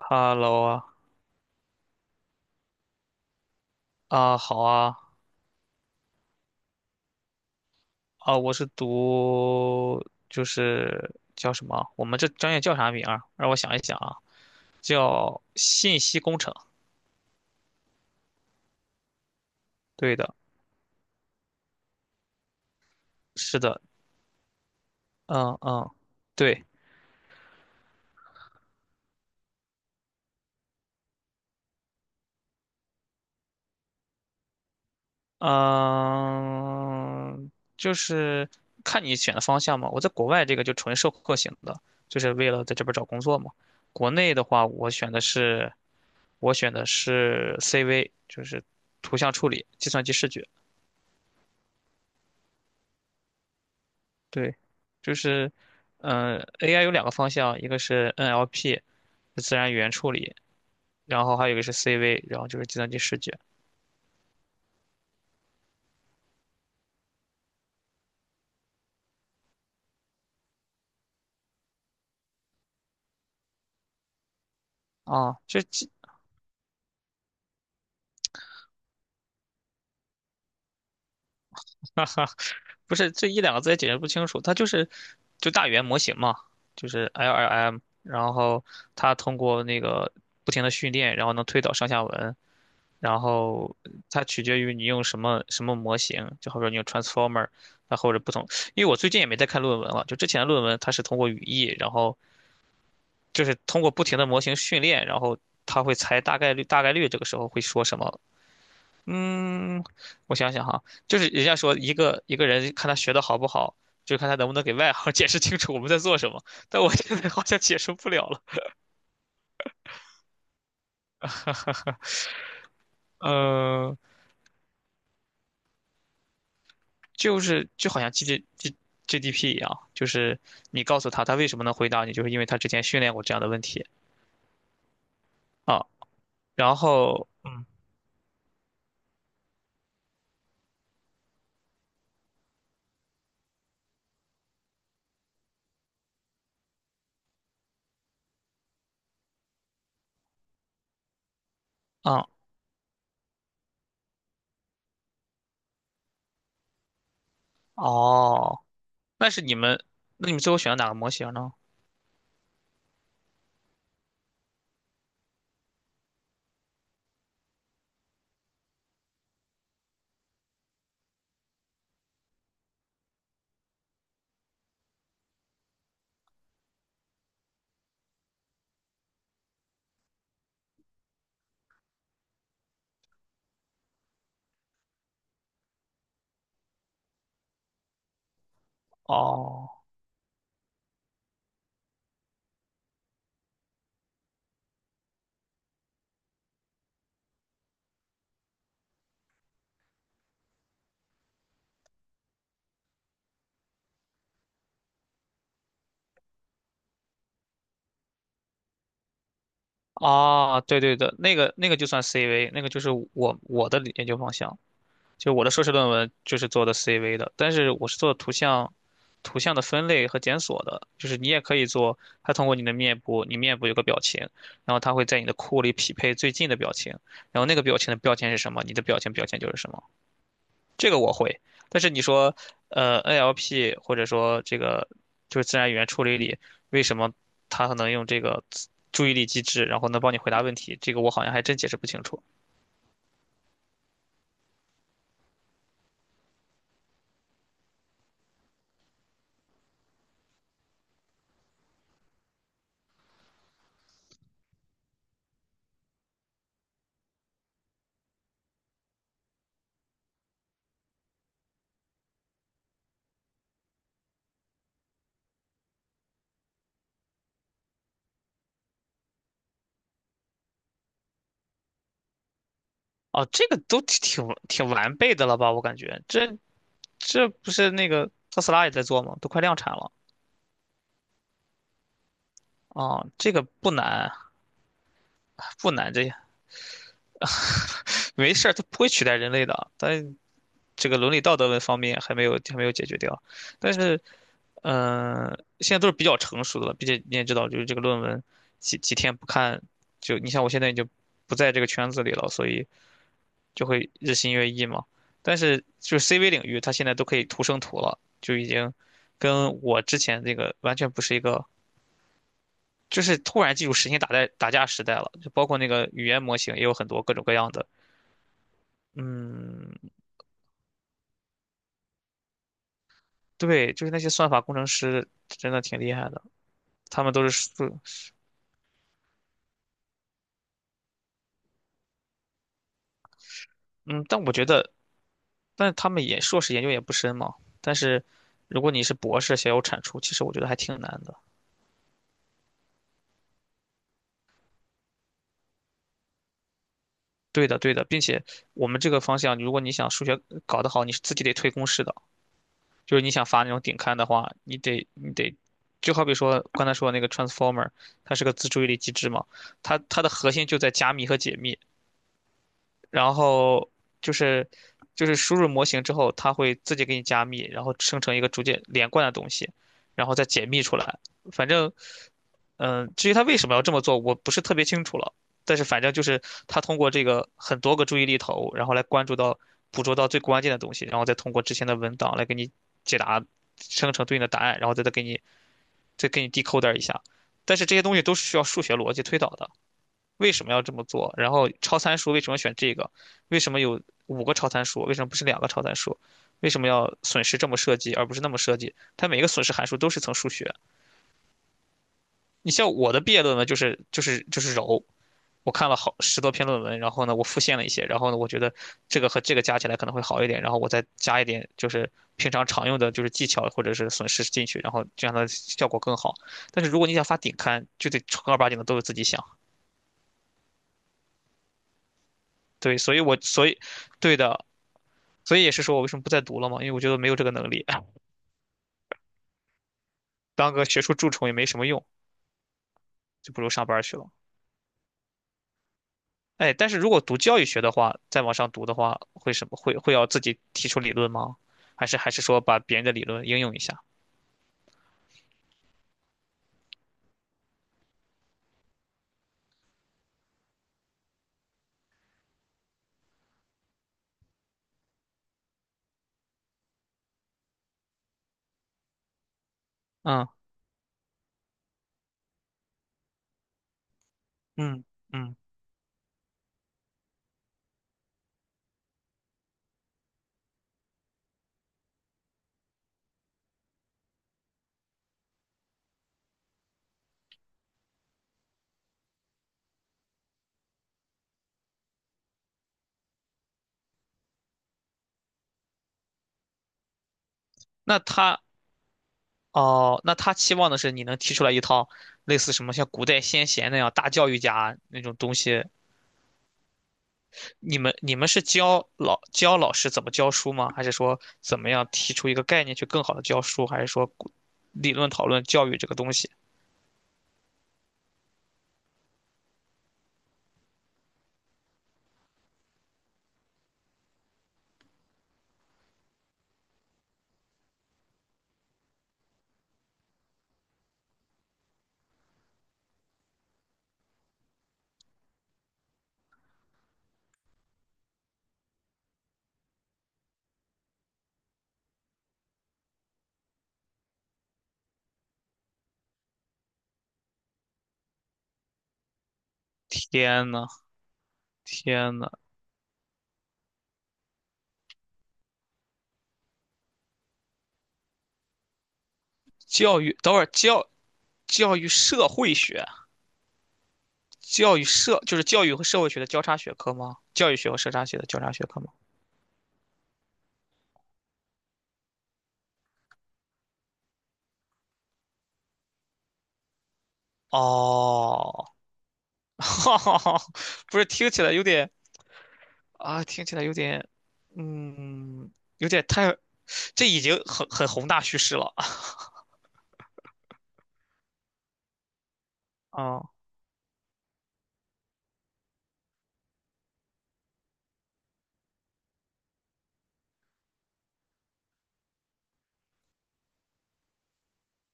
Hello 啊，啊好啊，啊我是读就是叫什么？我们这专业叫啥名儿？让我想一想啊，叫信息工程。对的，是的，嗯嗯，对，嗯，就是看你选的方向嘛。我在国外这个就纯授课型的，就是为了在这边找工作嘛。国内的话，我选的是 CV，就是图像处理、计算机视觉。对，就是，嗯，AI 有两个方向，一个是 NLP，自然语言处理，然后还有一个是 CV，然后就是计算机视觉。啊，就 哈哈，不是这一两个字也解释不清楚，它就是就大语言模型嘛，就是 LLM，然后它通过那个不停的训练，然后能推导上下文，然后它取决于你用什么什么模型，就好比说你用 Transformer，啊或者不同，因为我最近也没在看论文了，就之前的论文它是通过语义，然后就是通过不停的模型训练，然后他会猜大概率，大概率这个时候会说什么？嗯，我想想哈，就是人家说一个一个人看他学的好不好，就看他能不能给外行解释清楚我们在做什么。但我现在好像解释不了了。嗯，就是就好像 G G G GDP 一样，就是你告诉他他为什么能回答你，就是因为他之前训练过这样的问题啊。然后，嗯，啊，哦，那是你们，那你们最后选了哪个模型呢？哦。啊，对对的，那个那个就算 CV，那个就是我的研究方向，就是我的硕士论文就是做的 CV 的，但是我是做图像的分类和检索的，就是你也可以做，它通过你的面部，你面部有个表情，然后它会在你的库里匹配最近的表情，然后那个表情的标签是什么，你的表情标签就是什么。这个我会。但是你说，NLP 或者说这个就是自然语言处理里，为什么它能用这个注意力机制，然后能帮你回答问题？这个我好像还真解释不清楚。哦，这个都挺完备的了吧？我感觉这这不是那个特斯拉也在做吗？都快量产了啊，这个不难不难，这没事儿，它不会取代人类的。但这个伦理道德问方面还没有解决掉，但是现在都是比较成熟的了，并且你也知道，就是这个论文几天不看，就你像我现在已经不在这个圈子里了，所以就会日新月异嘛。但是就是 CV 领域，它现在都可以图生图了，就已经跟我之前那个完全不是一个，就是突然进入实心打代打架时代了，就包括那个语言模型也有很多各种各样的。嗯，对，就是那些算法工程师真的挺厉害的，他们都是数嗯，但我觉得但他们也硕士研究也不深嘛。但是如果你是博士想要产出，其实我觉得还挺难的。对的，对的，并且我们这个方向，如果你想数学搞得好，你是自己得推公式的。就是你想发那种顶刊的话，你得，就好比说刚才说的那个 transformer，它是个自注意力机制嘛，它的核心就在加密和解密。然后就是就是输入模型之后，它会自己给你加密，然后生成一个逐渐连贯的东西，然后再解密出来。反正，嗯，至于它为什么要这么做，我不是特别清楚了。但是反正就是它通过这个很多个注意力头，然后来关注到捕捉到最关键的东西，然后再通过之前的文档来给你解答，生成对应的答案，然后再给你 decoder 一下。但是这些东西都是需要数学逻辑推导的。为什么要这么做？然后超参数为什么选这个？为什么有五个超参数？为什么不是两个超参数？为什么要损失这么设计而不是那么设计？它每个损失函数都是层数学。你像我的毕业论文就是揉，我看了好10多篇论文，然后呢我复现了一些，然后呢我觉得这个和这个加起来可能会好一点，然后我再加一点就是平常常用的就是技巧或者是损失进去，然后这样的效果更好。但是如果你想发顶刊，就得正儿八经的都是自己想。对，所以我所以对的，所以也是说我为什么不再读了嘛，因为我觉得没有这个能力，当个学术蛀虫也没什么用，就不如上班去了。哎，但是如果读教育学的话，再往上读的话，会什么会会要自己提出理论吗？还是说把别人的理论应用一下？嗯嗯嗯，那他哦，那他期望的是你能提出来一套类似什么像古代先贤那样大教育家那种东西，你们是教老师怎么教书吗？还是说怎么样提出一个概念去更好的教书？还是说理论讨论教育这个东西？天呐，天呐，教育，等会儿教教育社会学，教育社就是教育和社会学的交叉学科吗？教育学和社会学的交叉学科吗？哦，哈哈，不是，听起来有点啊，听起来有点，嗯，有点太，这已经很宏大叙事了啊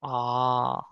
啊，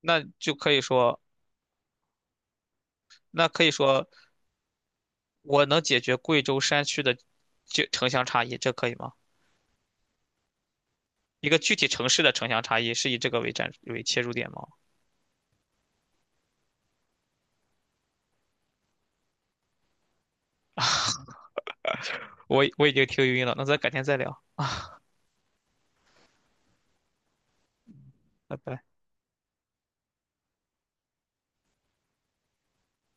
那就可以说，那可以说我能解决贵州山区的就城乡差异，这可以吗？一个具体城市的城乡差异是以这个为切入点吗？我已经听晕了，那咱改天再聊，拜拜。